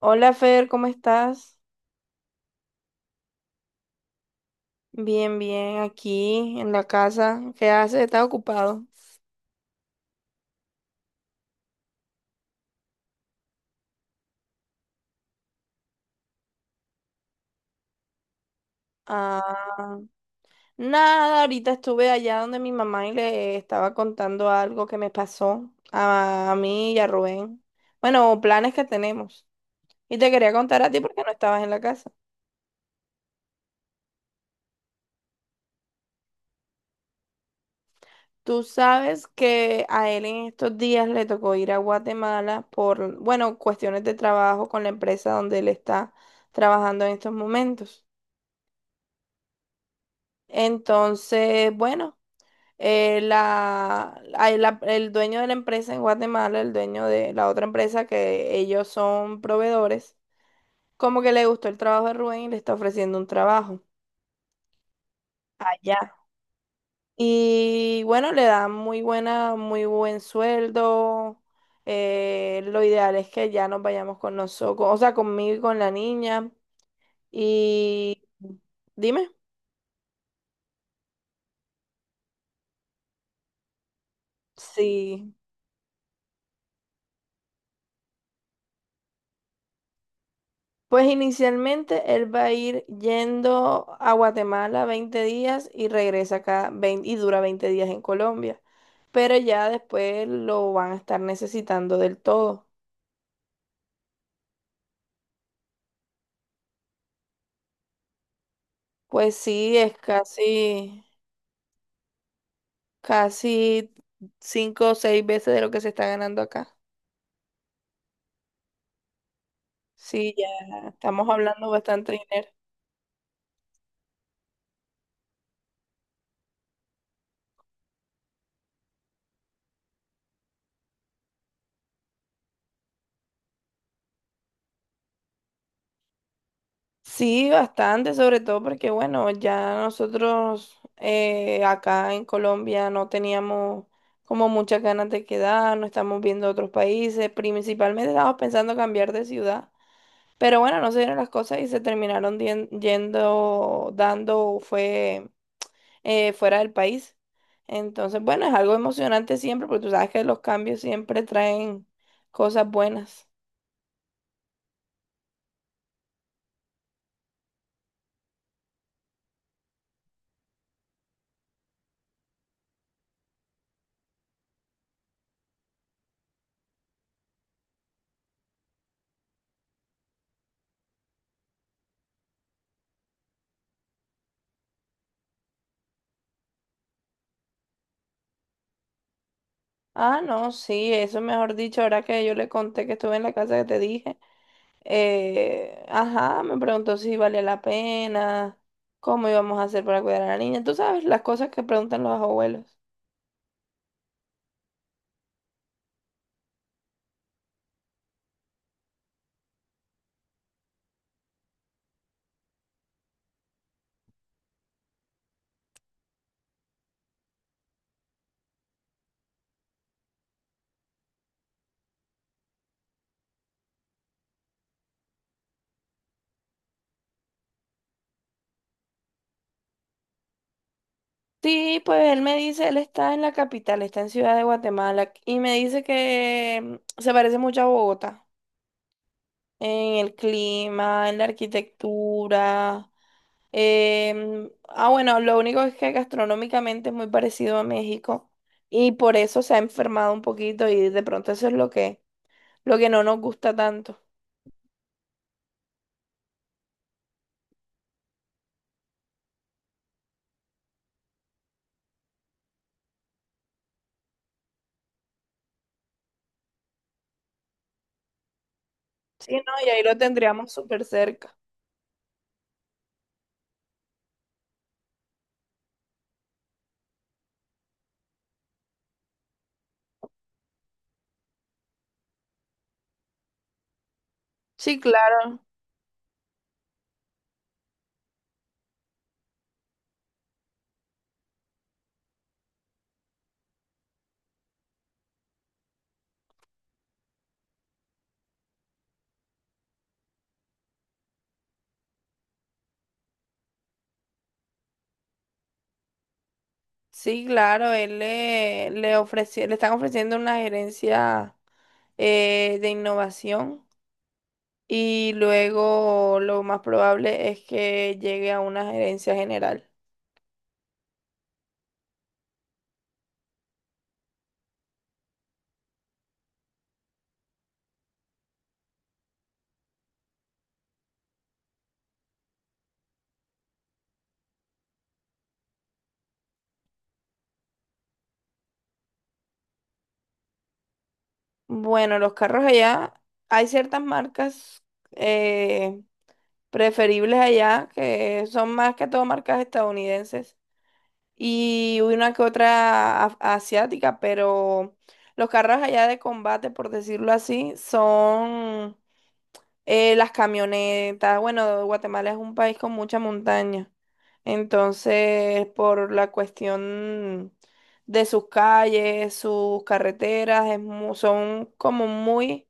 Hola Fer, ¿cómo estás? Bien, bien, aquí en la casa. ¿Qué haces? ¿Estás ocupado? Ah, nada, ahorita estuve allá donde mi mamá y le estaba contando algo que me pasó a mí y a Rubén. Bueno, planes que tenemos. Y te quería contar a ti porque no estabas en la casa. Tú sabes que a él en estos días le tocó ir a Guatemala por, bueno, cuestiones de trabajo con la empresa donde él está trabajando en estos momentos. Entonces, bueno. El dueño de la empresa en Guatemala, el dueño de la otra empresa que ellos son proveedores, como que le gustó el trabajo de Rubén y le está ofreciendo un trabajo allá. Y bueno, le dan muy buen sueldo. Lo ideal es que ya nos vayamos con nosotros, o sea, conmigo y con la niña. Y dime, sí. Pues inicialmente él va a ir yendo a Guatemala 20 días y regresa acá 20 y dura 20 días en Colombia. Pero ya después lo van a estar necesitando del todo. Pues sí, es casi cinco o seis veces de lo que se está ganando acá. Sí, ya estamos hablando bastante dinero. Sí, bastante, sobre todo porque, bueno, ya nosotros acá en Colombia no teníamos como muchas ganas de quedarnos, estamos viendo otros países, principalmente estábamos pensando cambiar de ciudad, pero bueno, no se dieron las cosas y se terminaron dien- yendo, dando, fue fuera del país. Entonces, bueno, es algo emocionante siempre, porque tú sabes que los cambios siempre traen cosas buenas. Ah, no, sí, eso mejor dicho, ahora que yo le conté que estuve en la casa que te dije. Ajá, me preguntó si valía la pena, cómo íbamos a hacer para cuidar a la niña. Tú sabes, las cosas que preguntan los abuelos. Sí, pues él me dice, él está en la capital, está en Ciudad de Guatemala, y me dice que se parece mucho a Bogotá, en el clima, en la arquitectura. Bueno, lo único es que gastronómicamente es muy parecido a México y por eso se ha enfermado un poquito y de pronto eso es lo que no nos gusta tanto. Sí, no, y ahí lo tendríamos súper cerca. Sí, claro. Sí, claro, le le están ofreciendo una gerencia de innovación y luego lo más probable es que llegue a una gerencia general. Bueno, los carros allá, hay ciertas marcas eh, preferibles allá que son más que todo marcas estadounidenses y una que otra asiática, pero los carros allá de combate, por decirlo así, son las camionetas. Bueno, Guatemala es un país con mucha montaña, entonces por la cuestión de sus calles, sus carreteras, son como muy,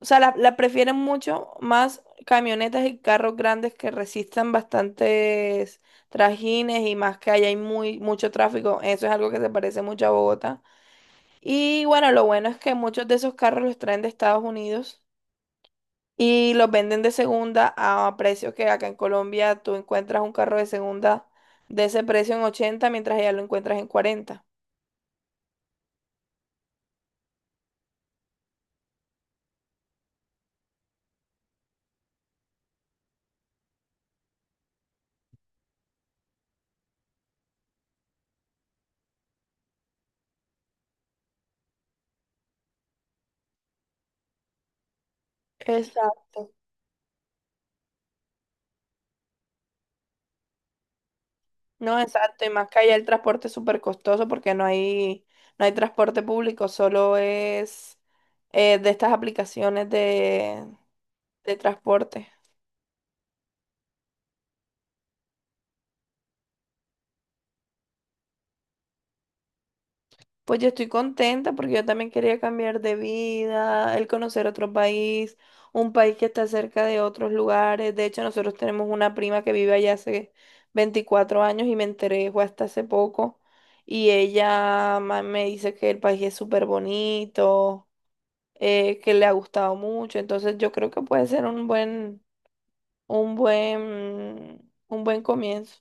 o sea, la prefieren mucho más camionetas y carros grandes que resistan bastantes trajines y más que allá hay mucho tráfico. Eso es algo que se parece mucho a Bogotá. Y bueno, lo bueno es que muchos de esos carros los traen de Estados Unidos y los venden de segunda a precios que acá en Colombia tú encuentras un carro de segunda de ese precio en 80, mientras allá lo encuentras en 40. Exacto. No, exacto, y más que allá el transporte es súper costoso porque no hay transporte público, solo es de estas aplicaciones de transporte. Pues yo estoy contenta porque yo también quería cambiar de vida, el conocer otro país, un país que está cerca de otros lugares. De hecho, nosotros tenemos una prima que vive allá hace 24 años y me enteré fue hasta hace poco. Y me dice que el país es súper bonito, que le ha gustado mucho. Entonces yo creo que puede ser un buen comienzo.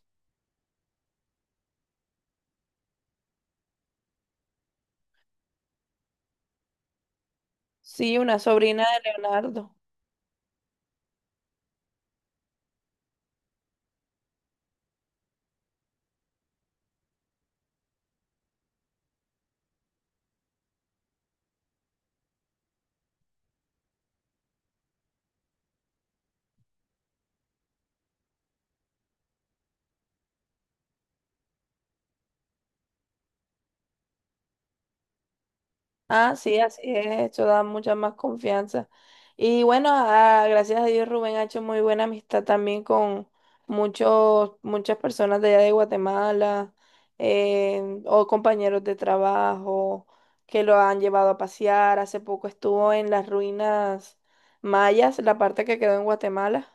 Sí, una sobrina de Leonardo. Ah, sí, así es, eso da mucha más confianza. Y bueno, gracias a Dios Rubén ha hecho muy buena amistad también con muchas personas de allá de Guatemala, o compañeros de trabajo que lo han llevado a pasear. Hace poco estuvo en las ruinas mayas, la parte que quedó en Guatemala.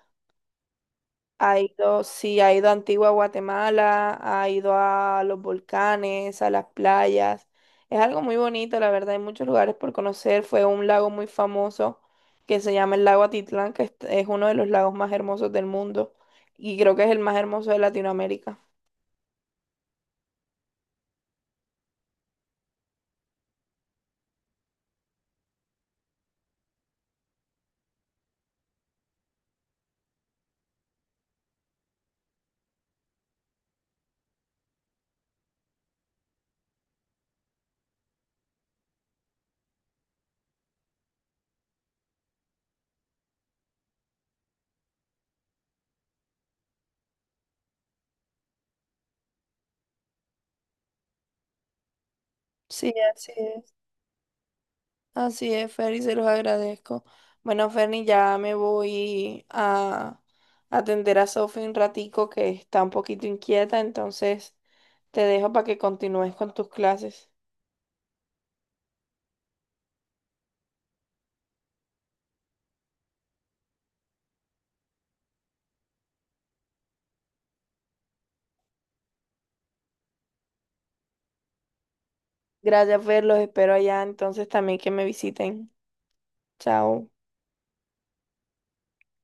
Ha ido, sí, ha ido a Antigua Guatemala, ha ido a los volcanes, a las playas. Es algo muy bonito, la verdad, hay muchos lugares por conocer. Fue a un lago muy famoso que se llama el lago Atitlán, que es uno de los lagos más hermosos del mundo y creo que es el más hermoso de Latinoamérica. Sí, así es. Así es, Ferny, se los agradezco. Bueno, Ferny, ya me voy a atender a Sophie un ratico que está un poquito inquieta, entonces te dejo para que continúes con tus clases. Gracias, Fer, los espero allá, entonces también que me visiten. Chao.